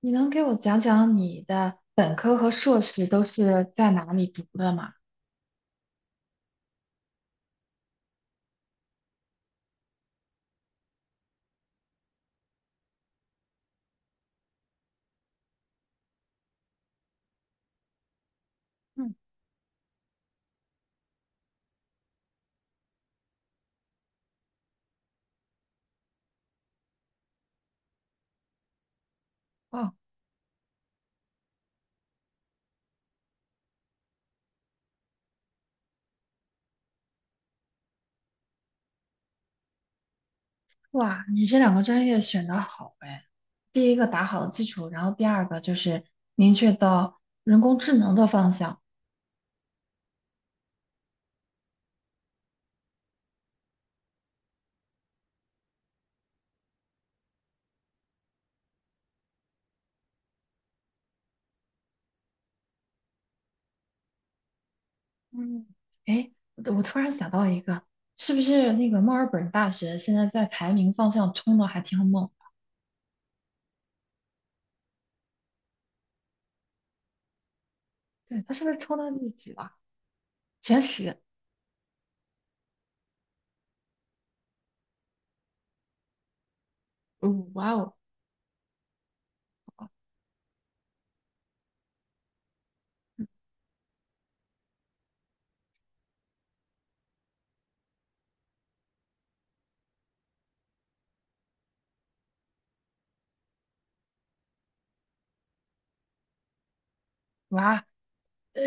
你能给我讲讲你的本科和硕士都是在哪里读的吗？哦，哇，你这两个专业选得好哎！第一个打好了基础，然后第二个就是明确到人工智能的方向。嗯，哎，我突然想到一个，是不是那个墨尔本大学现在在排名方向冲的还挺猛的？对，它是不是冲到第几了？前十？哦，哇哦，哇，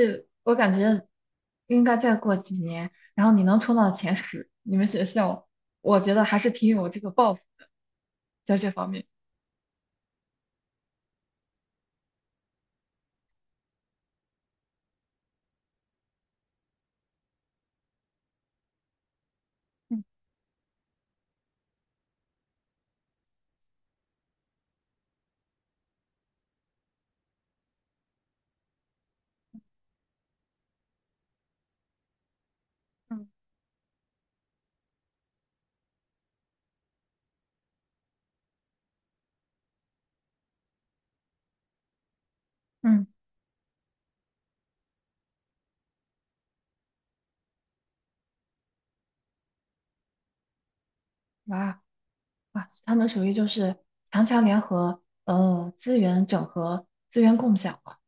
我感觉应该再过几年，然后你能冲到前十，你们学校，我觉得还是挺有这个抱负在这方面。嗯嗯嗯，哇哇，他们属于就是强强联合，资源整合、资源共享吧。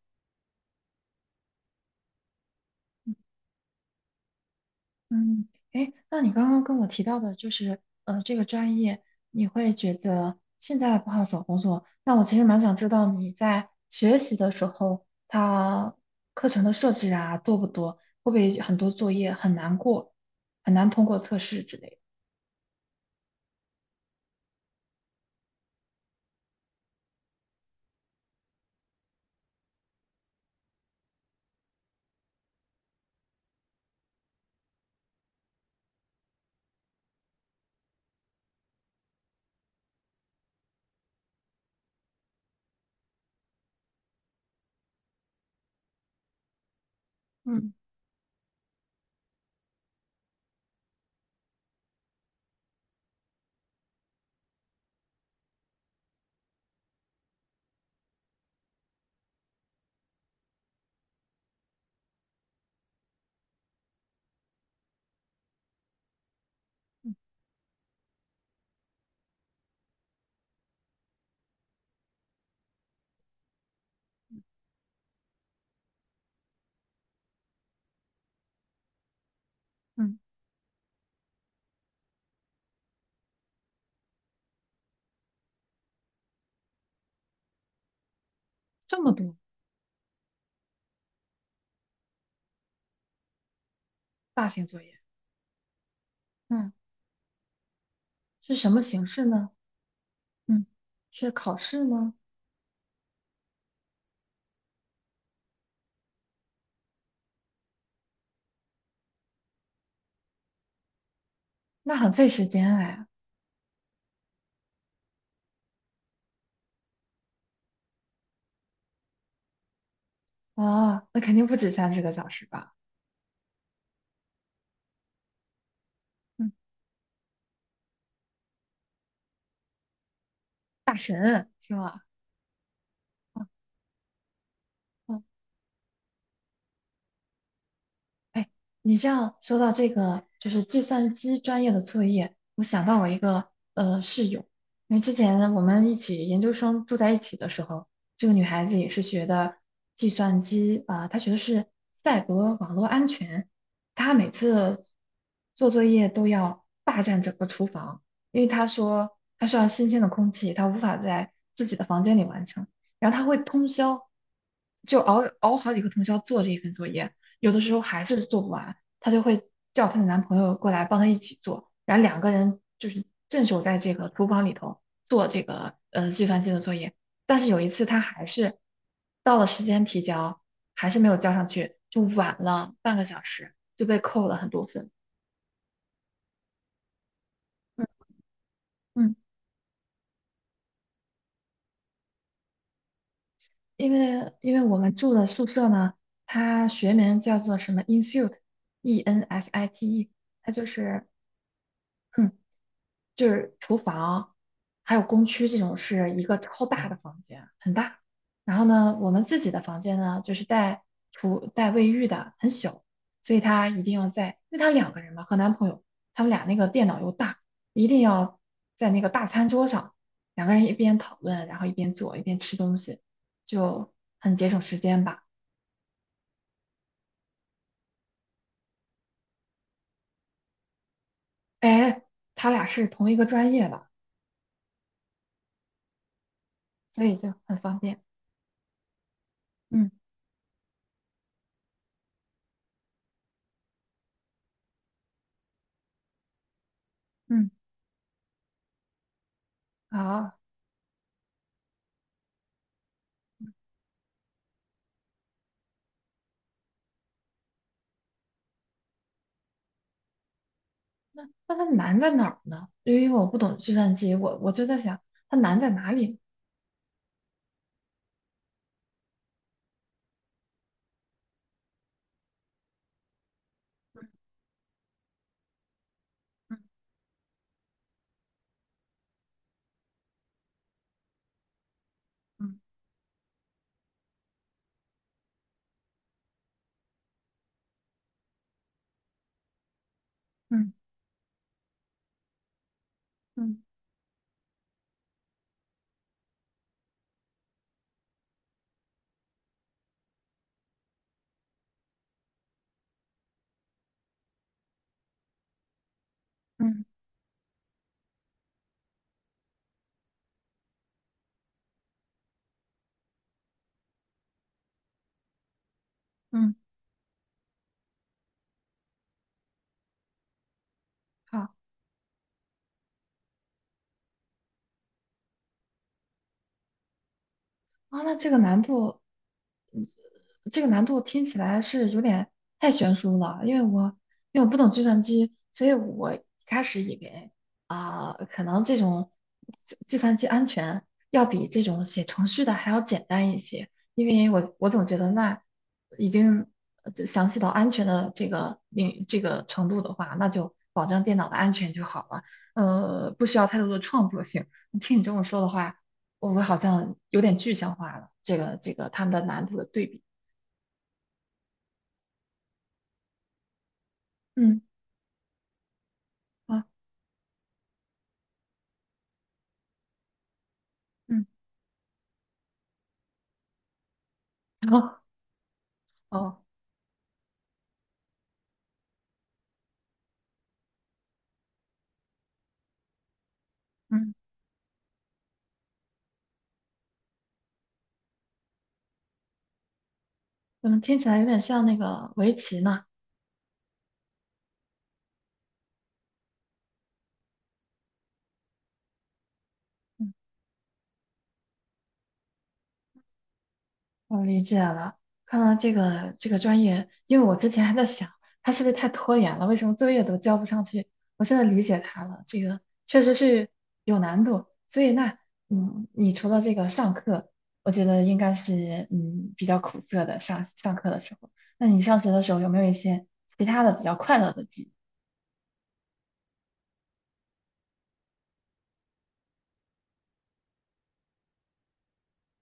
嗯，哎，那你刚刚跟我提到的，就是这个专业，你会觉得现在不好找工作。那我其实蛮想知道你在学习的时候，它课程的设置啊，多不多？会不会很多作业很难过，很难通过测试之类的？嗯嗯，这么多，大型作业，嗯，是什么形式呢？嗯，是考试吗？那很费时间哎。啊，那肯定不止30个小时吧？嗯大神是吗？哎，你这样说到这个，就是计算机专业的作业，我想到我一个室友，因为之前我们一起研究生住在一起的时候，这个女孩子也是学的计算机啊，她学的是赛博网络安全，她每次做作业都要霸占整个厨房，因为她说她需要新鲜的空气，她无法在自己的房间里完成，然后她会通宵就熬好几个通宵做这一份作业。有的时候还是做不完，她就会叫她的男朋友过来帮她一起做，然后两个人就是镇守在这个厨房里头做这个计算机的作业。但是有一次她还是到了时间提交，还是没有交上去，就晚了半个小时，就被扣了很多分。嗯，嗯，因为我们住的宿舍呢，它学名叫做什么 Insite，ENSITE，它就是嗯厨房，还有工区这种是一个超大的房间，很大。然后呢，我们自己的房间呢，就是带厨带卫浴的，很小，所以她一定要在，因为她两个人嘛，和男朋友，他们俩那个电脑又大，一定要在那个大餐桌上，两个人一边讨论，然后一边做，一边吃东西，就很节省时间吧。哎，他俩是同一个专业的，所以就很方便。嗯，嗯，好。那它难在哪儿呢？因为我不懂计算机，我就在想它难在哪里。嗯嗯嗯嗯嗯嗯，好啊，那这个难度听起来是有点太悬殊了，因为我不懂计算机，所以我一开始以为啊、可能这种算机安全要比这种写程序的还要简单一些，因为我总觉得那已经就详细到安全的这个领这个程度的话，那就保证电脑的安全就好了，不需要太多的创作性。听你这么说的话，我好像有点具象化了这个他们的难度的对比。嗯，好，嗯，好，哦，嗯，怎么听起来有点像那个围棋呢？嗯，我理解了。看到这个专业，因为我之前还在想，他是不是太拖延了？为什么作业都交不上去？我现在理解他了，这个确实是有难度。所以那，嗯，你除了这个上课，我觉得应该是比较苦涩的上课的时候。那你上学的时候有没有一些其他的比较快乐的记忆？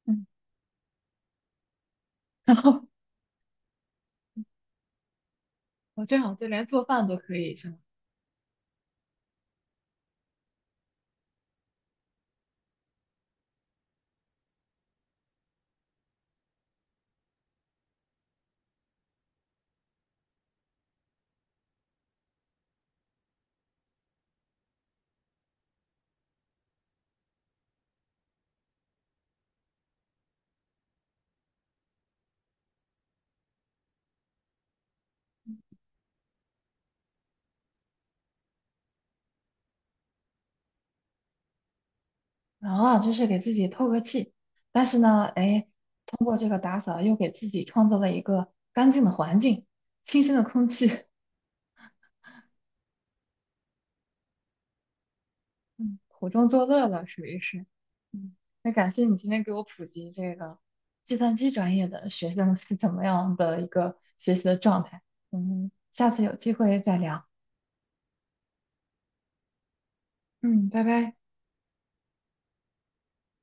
嗯，然后我这好就连做饭都可以，是吗？然后啊，就是给自己透个气。但是呢，哎，通过这个打扫，又给自己创造了一个干净的环境、清新的空气，嗯，苦中作乐了，属于是。嗯，那感谢你今天给我普及这个计算机专业的学生是怎么样的一个学习的状态。嗯，下次有机会再聊。嗯，拜拜。